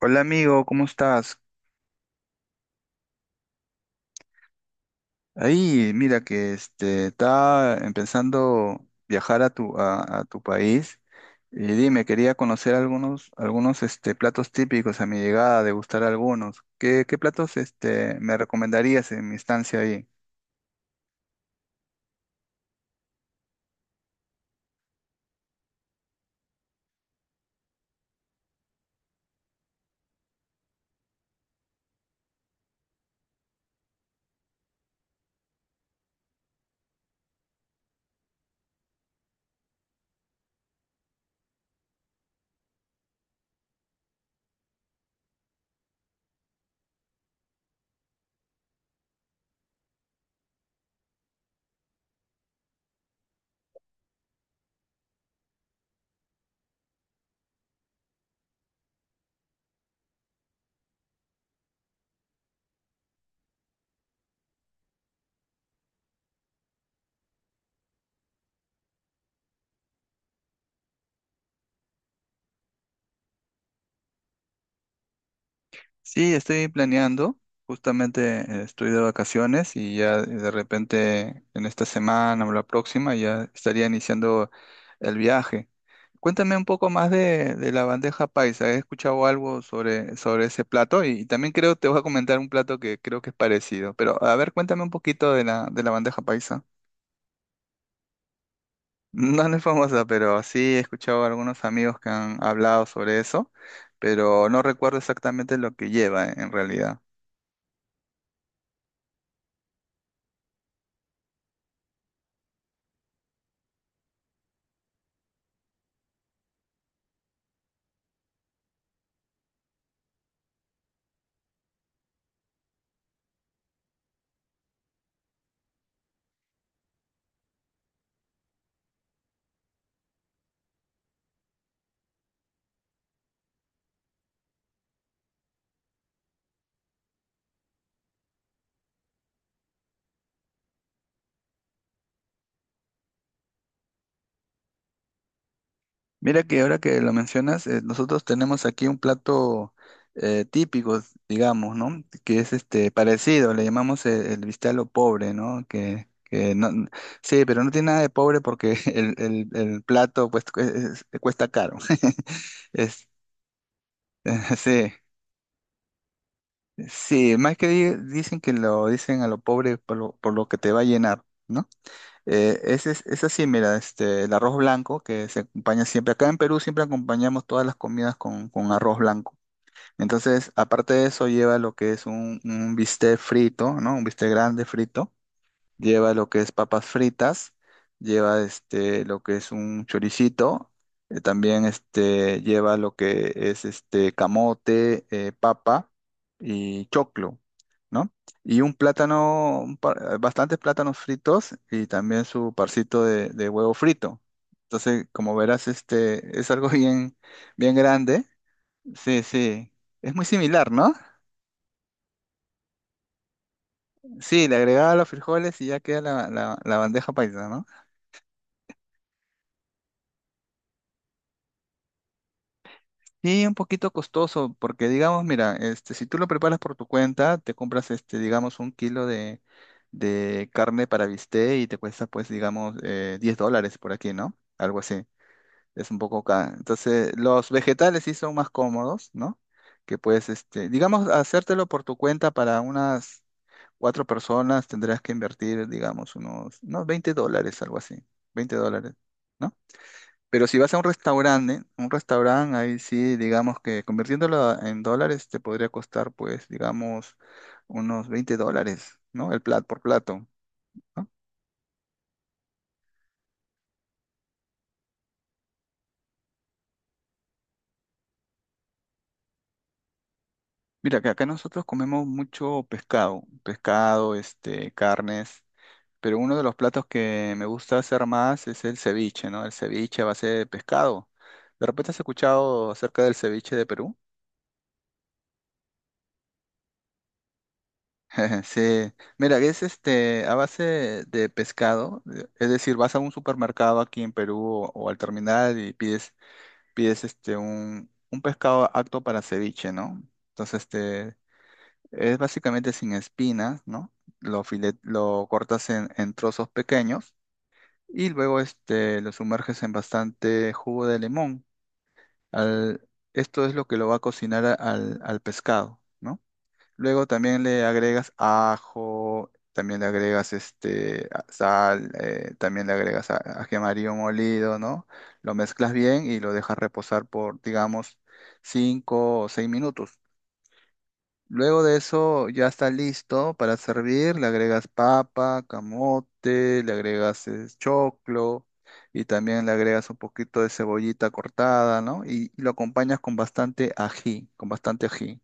Hola amigo, ¿cómo estás? Ahí, mira que está empezando viajar a a tu país y dime, quería conocer algunos platos típicos a mi llegada, degustar algunos. ¿Qué platos me recomendarías en mi estancia ahí? Sí, estoy planeando, justamente estoy de vacaciones y ya de repente en esta semana o la próxima ya estaría iniciando el viaje. Cuéntame un poco más de la bandeja paisa. He escuchado algo sobre ese plato y, también creo te voy a comentar un plato que creo que es parecido. Pero a ver, cuéntame un poquito de la bandeja paisa. No, no es famosa, pero sí he escuchado a algunos amigos que han hablado sobre eso, pero no recuerdo exactamente lo que lleva en realidad. Mira que ahora que lo mencionas, nosotros tenemos aquí un plato típico, digamos, ¿no? Que es parecido, le llamamos el bistec a lo pobre, ¿no? Que no, sí, pero no tiene nada de pobre porque el plato pues, cuesta caro. Es, sí, sí, más que dicen que lo dicen a lo pobre por lo que te va a llenar, ¿no? Ese es así, mira, el arroz blanco que se acompaña siempre. Acá en Perú siempre acompañamos todas las comidas con arroz blanco. Entonces, aparte de eso, lleva lo que es un bistec frito, ¿no? Un bistec grande frito lleva lo que es papas fritas, lleva lo que es un choricito, también lleva lo que es camote, papa y choclo, ¿no? Y un plátano, bastantes plátanos fritos y también su parcito de huevo frito. Entonces, como verás, este es algo bien, bien grande. Sí, sí. Es muy similar, ¿no? Sí, le agregaba los frijoles y ya queda la bandeja paisa, ¿no? Sí, un poquito costoso, porque digamos, mira, si tú lo preparas por tu cuenta, te compras, digamos, un kilo de carne para bistec y te cuesta, pues, digamos, $10 por aquí, ¿no? Algo así. Es un poco caro. Entonces, los vegetales sí son más cómodos, ¿no? Que puedes, digamos, hacértelo por tu cuenta para unas cuatro personas tendrás que invertir, digamos, unos $20, algo así. $20, ¿no? Pero si vas a un restaurante, ahí sí, digamos que convirtiéndolo en dólares te podría costar, pues, digamos, unos $20, ¿no? El plato por plato, ¿no? Mira, que acá nosotros comemos mucho pescado, pescado, carnes, pero uno de los platos que me gusta hacer más es el ceviche, ¿no? El ceviche a base de pescado. ¿De repente has escuchado acerca del ceviche de Perú? Sí, mira, es a base de pescado, es decir, vas a un supermercado aquí en Perú o al terminal y pides, pides un pescado apto para ceviche, ¿no? Entonces, es básicamente sin espinas, ¿no? Lo filet, lo cortas en trozos pequeños y luego lo sumerges en bastante jugo de limón. Al- esto es lo que lo va a cocinar al pescado, ¿no? Luego también le agregas ajo, también le agregas sal, también le agregas ají amarillo molido, ¿no? Lo mezclas bien y lo dejas reposar por, digamos, 5 o 6 minutos. Luego de eso ya está listo para servir. Le agregas papa, camote, le agregas choclo y también le agregas un poquito de cebollita cortada, ¿no? Y lo acompañas con bastante ají, con bastante ají.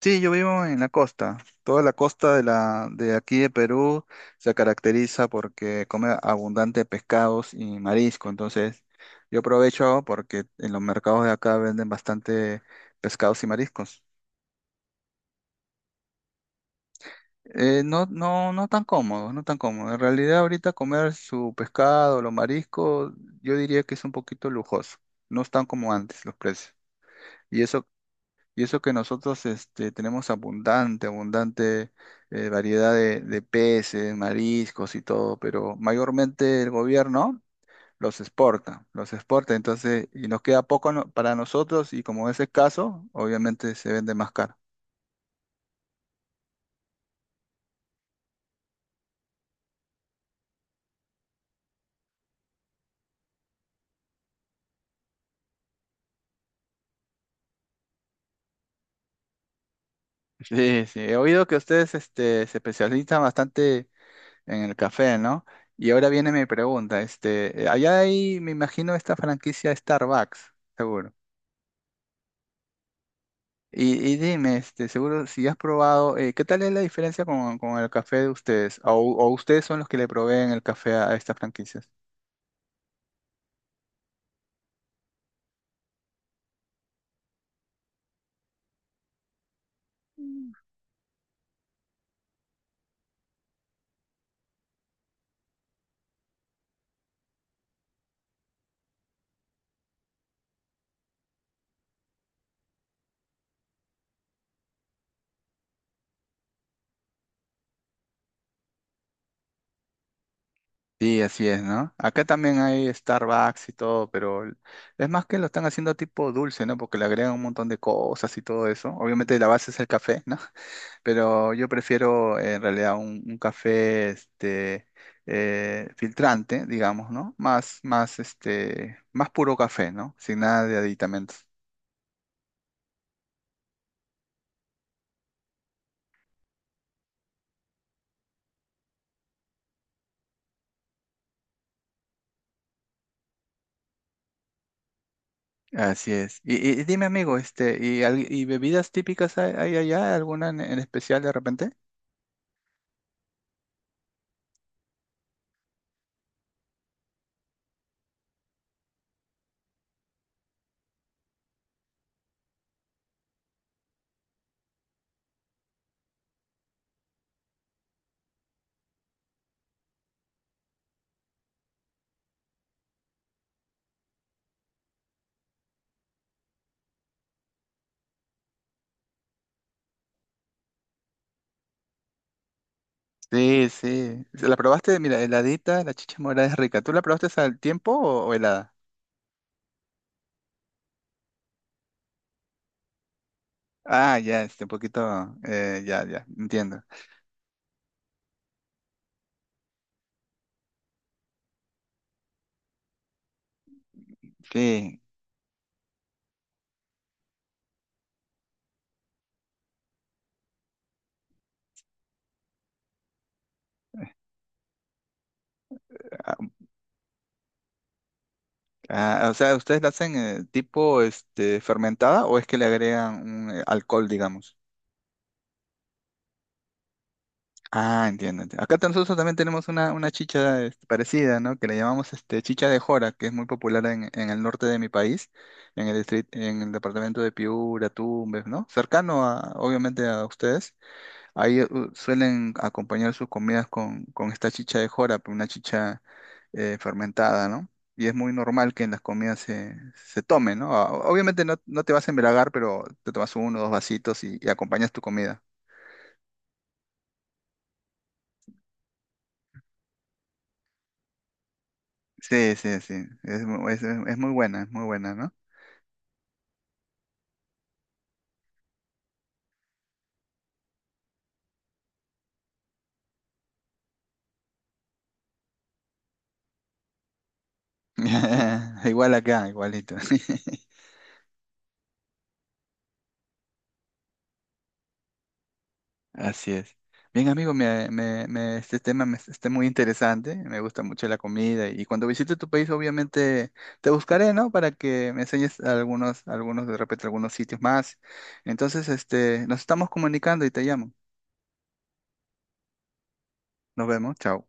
Sí, yo vivo en la costa. Toda la costa de la de aquí de Perú se caracteriza porque come abundante pescados y marisco. Entonces, yo aprovecho porque en los mercados de acá venden bastante pescados y mariscos. No, no, no tan cómodo, no tan cómodo. En realidad, ahorita comer su pescado, los mariscos, yo diría que es un poquito lujoso. No están como antes los precios. Y eso. Y eso que nosotros tenemos abundante, abundante variedad de peces, mariscos y todo, pero mayormente el gobierno los exporta, entonces, y nos queda poco para nosotros y como es escaso, obviamente se vende más caro. Sí, sí, he oído que ustedes se especializan bastante en el café, ¿no? Y ahora viene mi pregunta, allá hay, me imagino, esta franquicia Starbucks, seguro. Y dime, seguro si has probado, ¿qué tal es la diferencia con el café de ustedes? O ustedes son los que le proveen el café a estas franquicias? Mm. Sí, así es, ¿no? Acá también hay Starbucks y todo, pero es más que lo están haciendo tipo dulce, ¿no? Porque le agregan un montón de cosas y todo eso. Obviamente la base es el café, ¿no? Pero yo prefiero en realidad un café filtrante, digamos, ¿no? Más puro café, ¿no? Sin nada de aditamentos. Así es. Y dime, amigo, ¿y, y bebidas típicas hay, hay allá? ¿Alguna en especial de repente? Sí, sí. ¿La probaste? Mira, heladita, la chicha morada es rica. ¿Tú la probaste al tiempo o helada? Ah, ya, un poquito, ya, ya, entiendo. Sí. Ah, ah, o sea, ¿ustedes la hacen tipo, fermentada o es que le agregan un alcohol, digamos? Ah, entiendo, entiendo. Acá nosotros también tenemos una chicha parecida, ¿no? Que le llamamos chicha de jora, que es muy popular en el norte de mi país, en el distrito, en el departamento de Piura, Tumbes, ¿no? Cercano a, obviamente a ustedes. Ahí suelen acompañar sus comidas con esta chicha de jora, pues, una chicha fermentada, ¿no? Y es muy normal que en las comidas se tome, ¿no? Ah, obviamente no, no te vas a embriagar, pero te tomas uno o dos vasitos y acompañas tu comida. Sí, sí, sí. Es, es muy buena, ¿no? Igual acá, igualito. Así es. Bien, amigo, este tema me está muy interesante. Me gusta mucho la comida. Y cuando visite tu país, obviamente te buscaré, ¿no? Para que me enseñes algunos, algunos, de repente, algunos sitios más. Entonces, nos estamos comunicando y te llamo. Nos vemos. Chao.